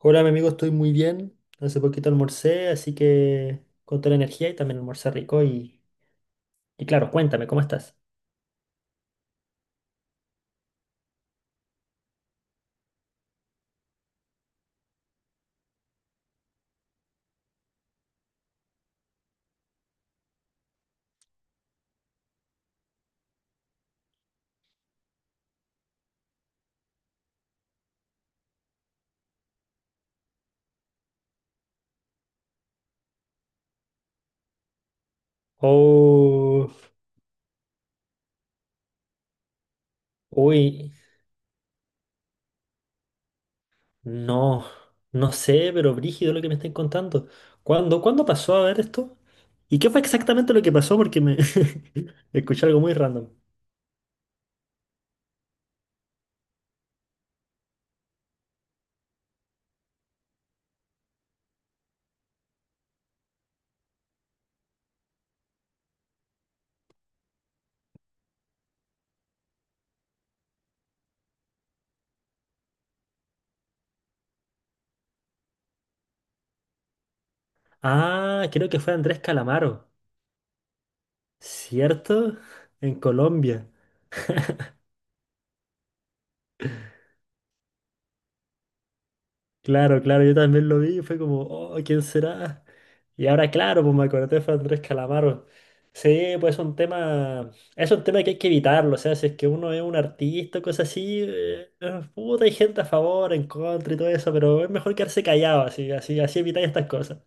Hola, mi amigo, estoy muy bien. Hace poquito almorcé, así que con toda la energía y también almorcé rico. Y claro, cuéntame, ¿cómo estás? Oh, uy, no, no sé, pero brígido lo que me están contando. ¿Cuándo pasó a ver esto? ¿Y qué fue exactamente lo que pasó? Porque me escuché algo muy random. Ah, creo que fue Andrés Calamaro, ¿cierto? En Colombia. Claro, claro, yo también lo vi y fue como, oh, ¿quién será? Y ahora, claro, pues me acordé de Andrés Calamaro. Sí, pues es un tema que hay que evitarlo, o sea, si es que uno es un artista o cosas así, puta, hay gente a favor, en contra y todo eso, pero es mejor quedarse callado, así, así, así evitáis estas cosas.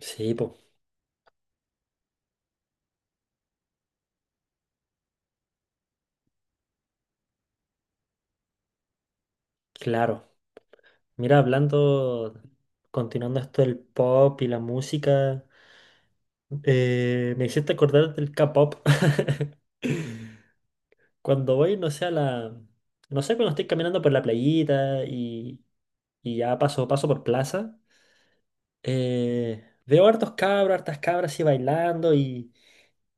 Sí, pues, claro. Mira, hablando, continuando esto del pop y la música, me hiciste acordar del K-pop. Cuando voy, no sé, a la... No sé, cuando estoy caminando por la playita y ya paso por plaza, veo hartos cabros, hartas cabras así bailando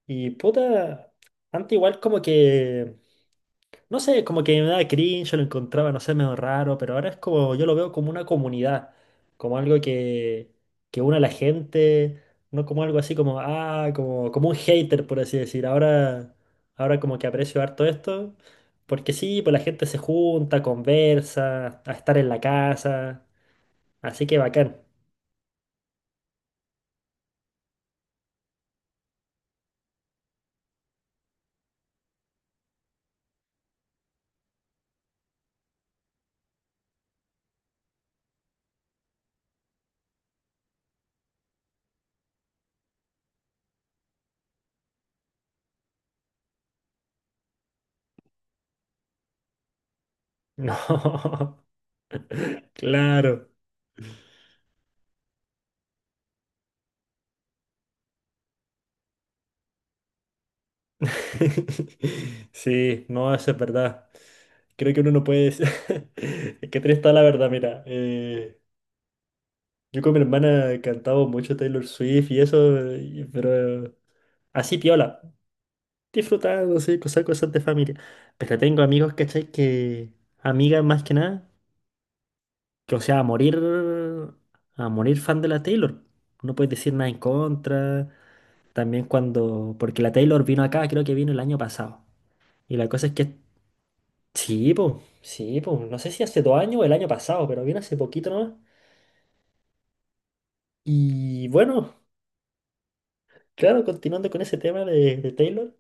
y puta, antes igual como que no sé, como que me daba cringe, yo lo encontraba, no sé, medio raro, pero ahora es como, yo lo veo como una comunidad, como algo que une a la gente, no como algo así como, ah, como, como un hater, por así decir. Ahora como que aprecio harto esto, porque sí, pues la gente se junta, conversa, a estar en la casa, así que bacán. No, claro. Sí, no, eso es verdad. Creo que uno no puede decir. Es que triste está la verdad, mira. Eh, yo con mi hermana cantaba mucho Taylor Swift y eso, pero así piola, disfrutando, sí, cosas, cosas de familia. Pero tengo amigos, ¿cachai? Amigas más que nada, que o sea, a morir fan de la Taylor. No puedes decir nada en contra. También cuando, porque la Taylor vino acá, creo que vino el año pasado. Y la cosa es que, sí, pues, sí, pues, no sé si hace 2 años o el año pasado, pero vino hace poquito nomás. Y bueno, claro, continuando con ese tema de Taylor,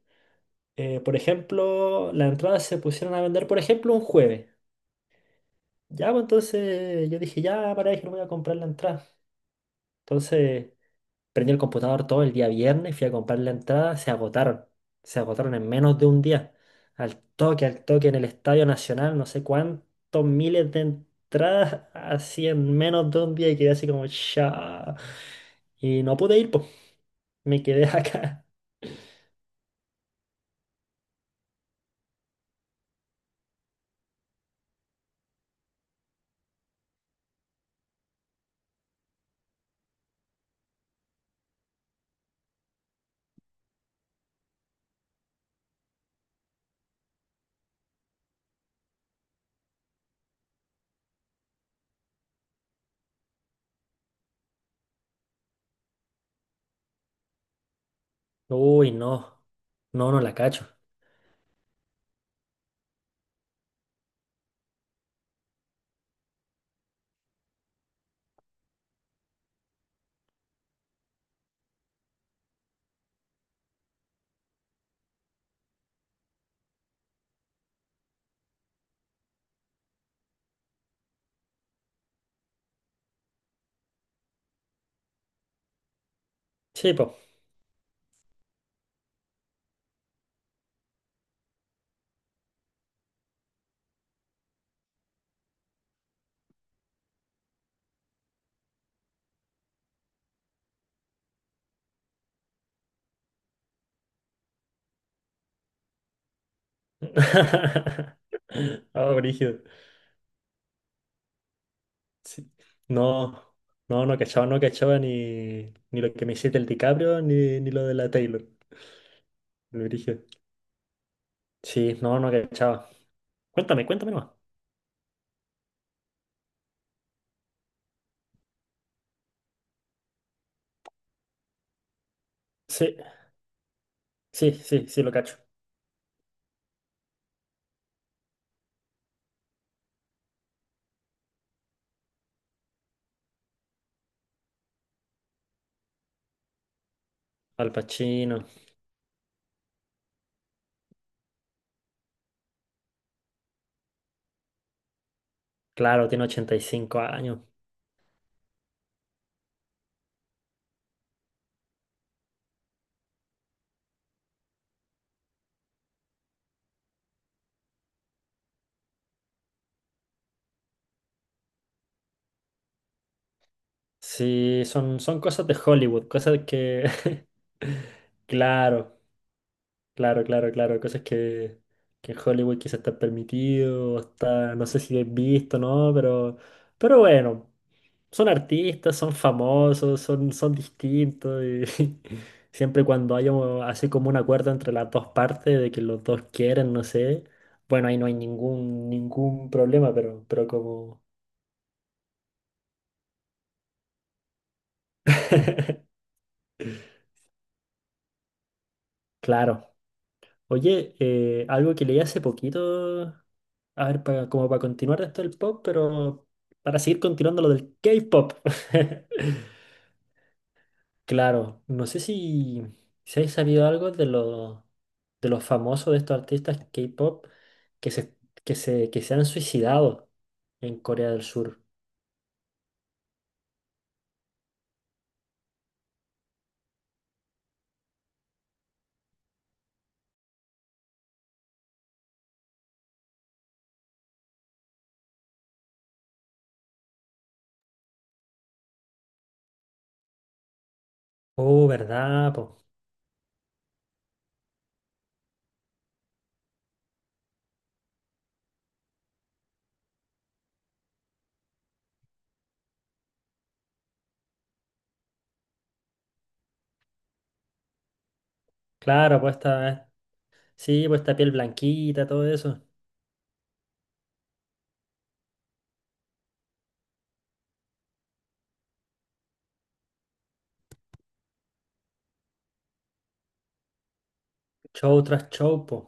por ejemplo, las entradas se pusieron a vender, por ejemplo, un jueves. Ya, pues entonces yo dije, ya, para que no voy a comprar la entrada. Entonces prendí el computador todo el día viernes, fui a comprar la entrada, se agotaron. Se agotaron en menos de un día. Al toque en el Estadio Nacional, no sé cuántos miles de entradas, así en menos de un día y quedé así como, ya. Y no pude ir, pues me quedé acá. Uy, no. No, no la cacho. Sí, po. Ah, brígido. Sí. No, no, no cachaba ni lo que me hiciste el DiCaprio ni lo de la Taylor. Lo brígido. Sí, no, no cachaba. Cuéntame, cuéntame nomás. Sí, sí, sí, sí, lo cacho. Al Pacino. Claro, tiene 85 años. Sí, son cosas de Hollywood, cosas que. Claro. Claro, claro, claro. Cosas que en Hollywood quizás está permitido, o está, no sé si es visto, ¿no? Pero bueno, son artistas, son famosos, son distintos. Y siempre cuando haya un- así como un acuerdo entre las dos partes de que los dos quieren, no sé, bueno, ahí no hay ningún problema, pero como... Claro. Oye, algo que leí hace poquito, a ver, para, como para continuar esto del pop, pero para seguir continuando lo del K-pop. Claro, no sé si hay sabido algo de los famosos de estos artistas K-pop que se, que se, que se han suicidado en Corea del Sur. Oh, ¿verdad? Po? Claro, pues sí, pues esta piel blanquita, todo eso. Show tras show, po.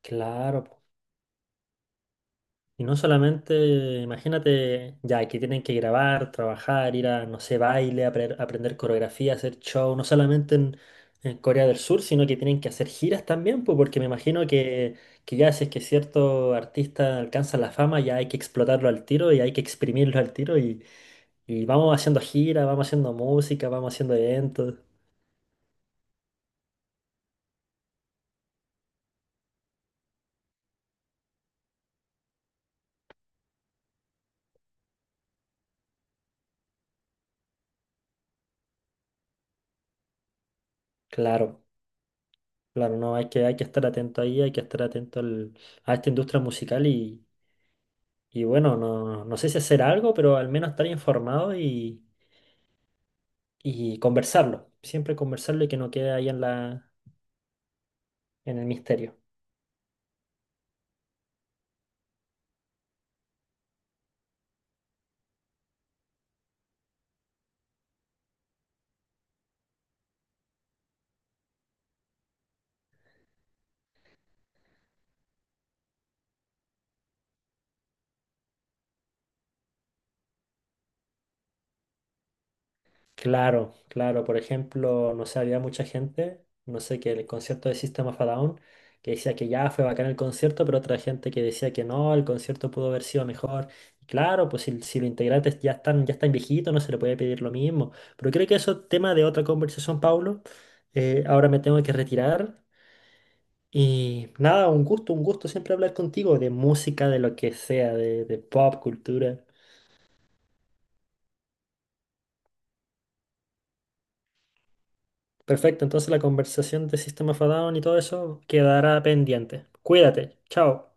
Claro, y no solamente, imagínate, ya que tienen que grabar, trabajar, ir a, no sé, baile, aprender coreografía, hacer show, no solamente en Corea del Sur, sino que tienen que hacer giras también, pues, porque me imagino que ya si es que cierto artista alcanza la fama, ya hay que explotarlo al tiro y hay que exprimirlo al tiro y vamos haciendo giras, vamos haciendo música, vamos haciendo eventos. Claro, claro, no, hay que estar atento ahí, hay que estar atento a esta industria musical y bueno, no, no sé si hacer algo, pero al menos estar informado y conversarlo. Siempre conversarlo y que no quede ahí en la, en el misterio. Claro, claro. Por ejemplo, no sé, había mucha gente, no sé, que el concierto de System of a Down, que decía que ya fue bacán el concierto, pero otra gente que decía que no, el concierto pudo haber sido mejor. Y claro, pues si los integrantes ya están viejitos, no se le puede pedir lo mismo. Pero creo que eso es tema de otra conversación, Paulo. Ahora me tengo que retirar. Y nada, un gusto siempre hablar contigo de música, de lo que sea, de pop, cultura. Perfecto, entonces la conversación de System of a Down y todo eso quedará pendiente. Cuídate, chao.